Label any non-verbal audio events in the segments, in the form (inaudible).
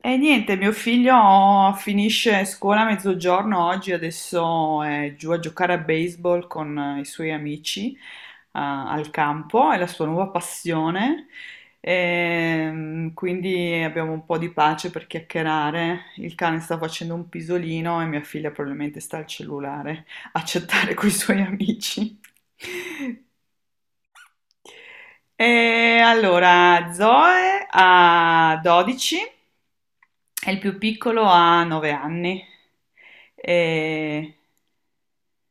E niente, mio figlio finisce scuola a mezzogiorno oggi, adesso è giù a giocare a baseball con i suoi amici al campo, è la sua nuova passione. Quindi abbiamo un po' di pace per chiacchierare. Il cane sta facendo un pisolino e mia figlia probabilmente sta al cellulare a chattare (laughs) con i suoi amici. (laughs) E allora, Zoe ha 12 e il più piccolo ha 9 anni. E...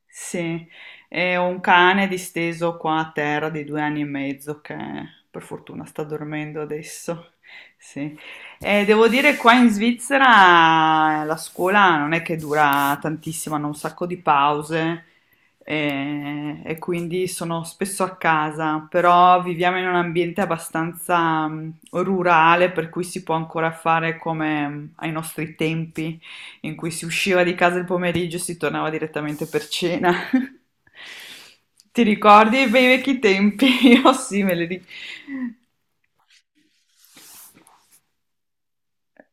Sì, e ho un cane disteso qua a terra di 2 anni e mezzo che per fortuna sta dormendo adesso. Sì. E devo dire, qua in Svizzera la scuola non è che dura tantissimo, hanno un sacco di pause e, quindi sono spesso a casa, però viviamo in un ambiente abbastanza rurale per cui si può ancora fare come ai nostri tempi in cui si usciva di casa il pomeriggio e si tornava direttamente per cena. (laughs) Ti ricordi i bei vecchi tempi? (laughs) Io sì, me li ricordo.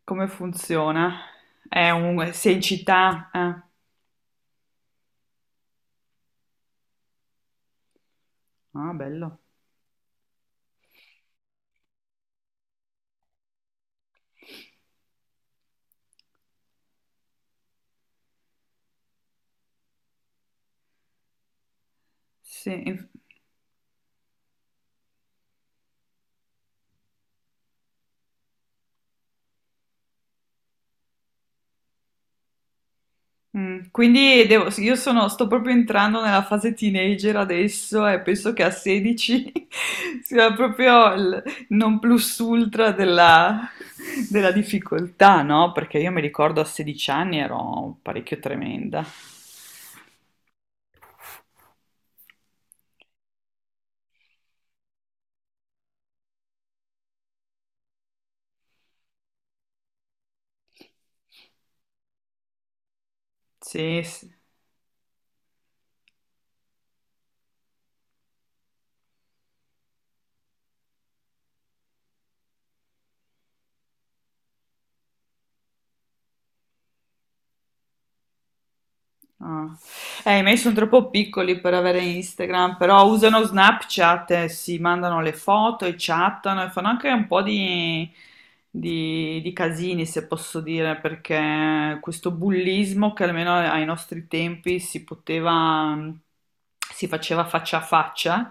Come funziona? Sei in città? Ah, bello. Sì. Quindi sì, sto proprio entrando nella fase teenager adesso e penso che a 16 (laughs) sia proprio il non plus ultra della difficoltà, no? Perché io mi ricordo a 16 anni ero parecchio tremenda. Sì, sì. Ah. I miei sono troppo piccoli per avere Instagram, però usano Snapchat, si mandano le foto e chattano e fanno anche un po' di, di casini, se posso dire, perché questo bullismo che almeno ai nostri tempi si poteva, si faceva faccia a faccia,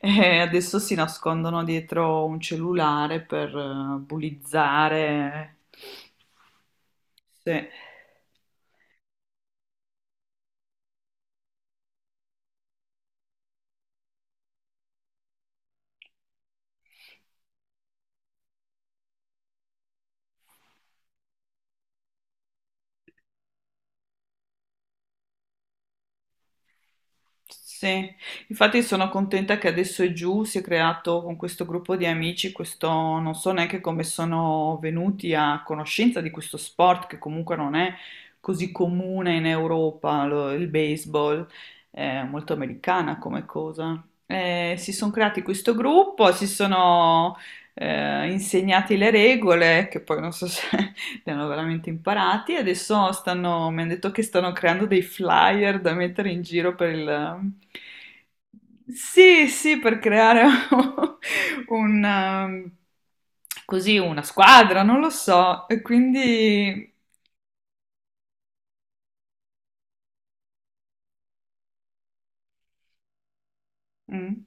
(laughs) e adesso si nascondono dietro un cellulare per bullizzare. Sì. Sì, infatti sono contenta che adesso è giù, si è creato con questo gruppo di amici, questo non so neanche come sono venuti a conoscenza di questo sport che comunque non è così comune in Europa, il baseball, è molto americana come cosa. Si sono creati questo gruppo, si sono insegnati le regole, che poi non so se li hanno veramente imparati e adesso stanno, mi hanno detto che stanno creando dei flyer da mettere in giro per il. Sì, sì, per creare (laughs) un, um, così una squadra, non lo so. E quindi. mm,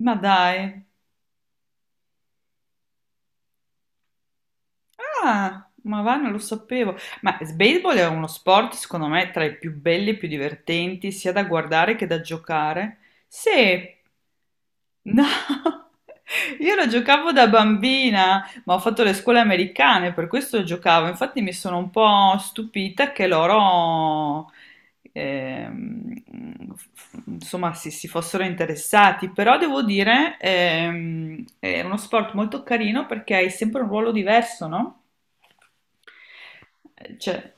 ma dai. Ah, ma va, non lo sapevo. Ma il baseball è uno sport, secondo me, tra i più belli e più divertenti, sia da guardare che da giocare. Sì. No, (laughs) io lo giocavo da bambina, ma ho fatto le scuole americane, per questo lo giocavo. Infatti mi sono un po' stupita che loro, ehm, insomma, si fossero interessati. Però devo dire, è uno sport molto carino perché hai sempre un ruolo diverso, no? Cioè,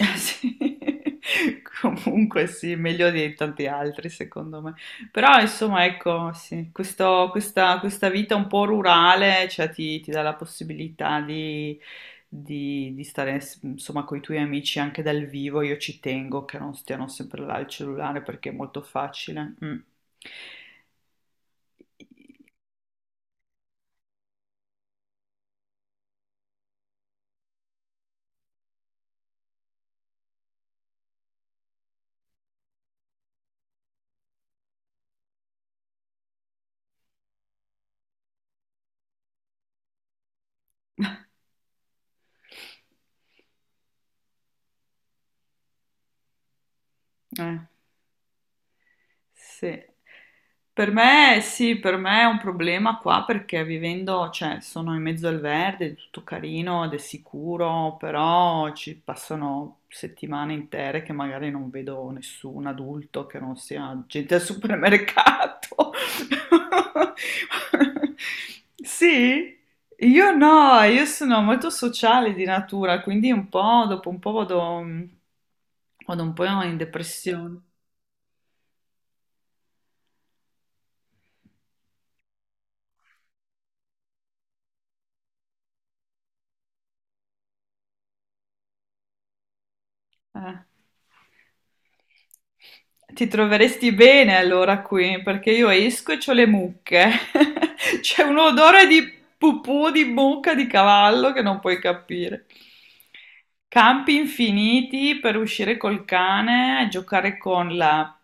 (laughs) Sì. Comunque sì, meglio di tanti altri secondo me. Però insomma ecco, sì, questa vita un po' rurale cioè, ti dà la possibilità di, di stare insomma con i tuoi amici anche dal vivo. Io ci tengo che non stiano sempre là al cellulare perché è molto facile. Mm. Eh. Sì. Per me sì, per me è un problema qua perché vivendo, cioè sono in mezzo al verde, è tutto carino ed è sicuro, però ci passano settimane intere che magari non vedo nessun adulto che non sia gente al supermercato. (laughs) Sì, io no, io sono molto sociale di natura, quindi un po' dopo un po' vado un po' in depressione. Eh. Ti troveresti bene allora qui, perché io esco e c'ho le mucche. (laughs) C'è un odore di pupù, di mucca, di cavallo che non puoi capire. Campi infiniti per uscire col cane, giocare con la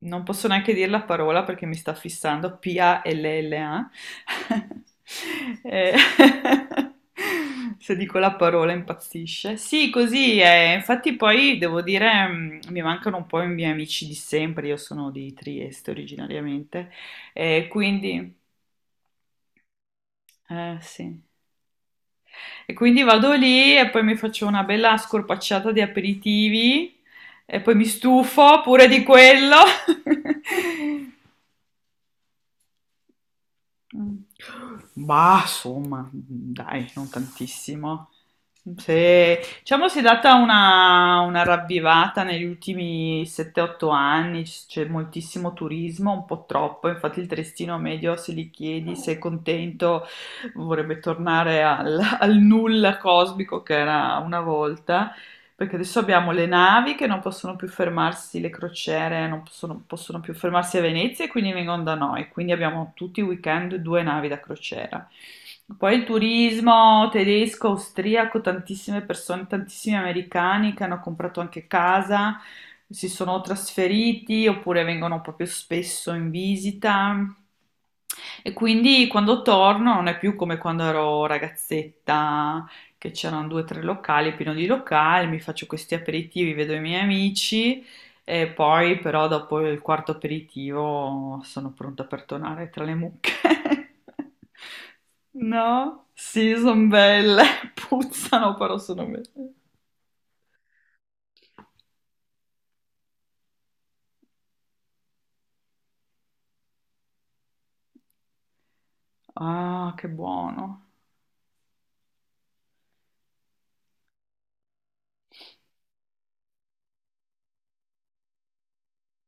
non posso neanche dire la parola perché mi sta fissando, palla. (laughs) Eh, (laughs) Se dico la parola impazzisce. Sì, così è. Infatti poi devo dire, mi mancano un po' i miei amici di sempre, io sono di Trieste originariamente, e quindi. Eh, sì. E quindi vado lì e poi mi faccio una bella scorpacciata di aperitivi e poi mi stufo pure di quello. (laughs) Mm. Bah, insomma, dai, non tantissimo. Se, Diciamo si è data una ravvivata negli ultimi 7-8 anni, c'è moltissimo turismo, un po' troppo, infatti il trestino medio se gli chiedi se è contento vorrebbe tornare al nulla cosmico che era una volta. Perché adesso abbiamo le navi che non possono più fermarsi, le crociere non possono più fermarsi a Venezia e quindi vengono da noi. Quindi abbiamo tutti i weekend due navi da crociera. Poi il turismo tedesco, austriaco, tantissime persone, tantissimi americani che hanno comprato anche casa, si sono trasferiti oppure vengono proprio spesso in visita. E quindi quando torno non è più come quando ero ragazzetta che c'erano due o tre locali, pieno di locali, mi faccio questi aperitivi, vedo i miei amici e poi però dopo il quarto aperitivo sono pronta per tornare tra le mucche. (laughs) No? Sì, sono belle, (laughs) puzzano, però sono belle. Ah, che buono.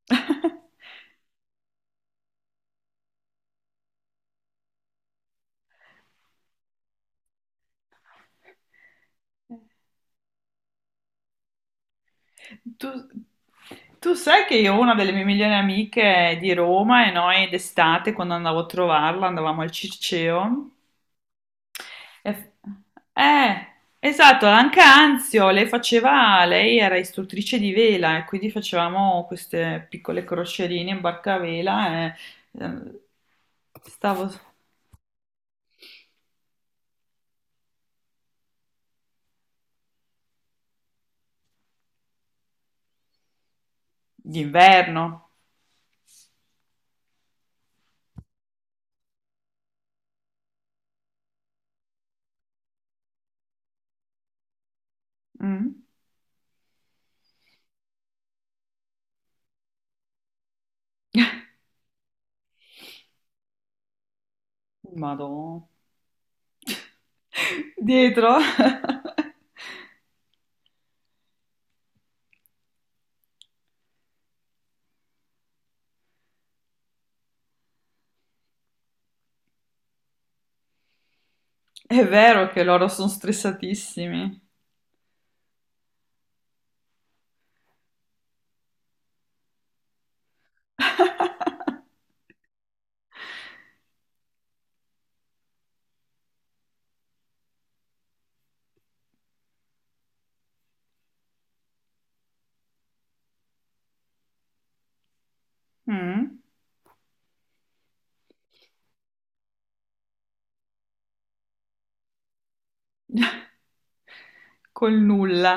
(laughs) Tu, tu sai che io ho una delle mie migliori amiche di Roma e noi d'estate quando andavo a trovarla andavamo al Circeo. Eh, eh, esatto, anche Anzio, lei era istruttrice di vela e quindi facevamo queste piccole crocerine in barcavela e eh, stavo d'inverno. Mm. Madò. (laughs) Dietro. (laughs) È vero che loro sono stressatissimi. (laughs) Mm. (laughs) Col nulla.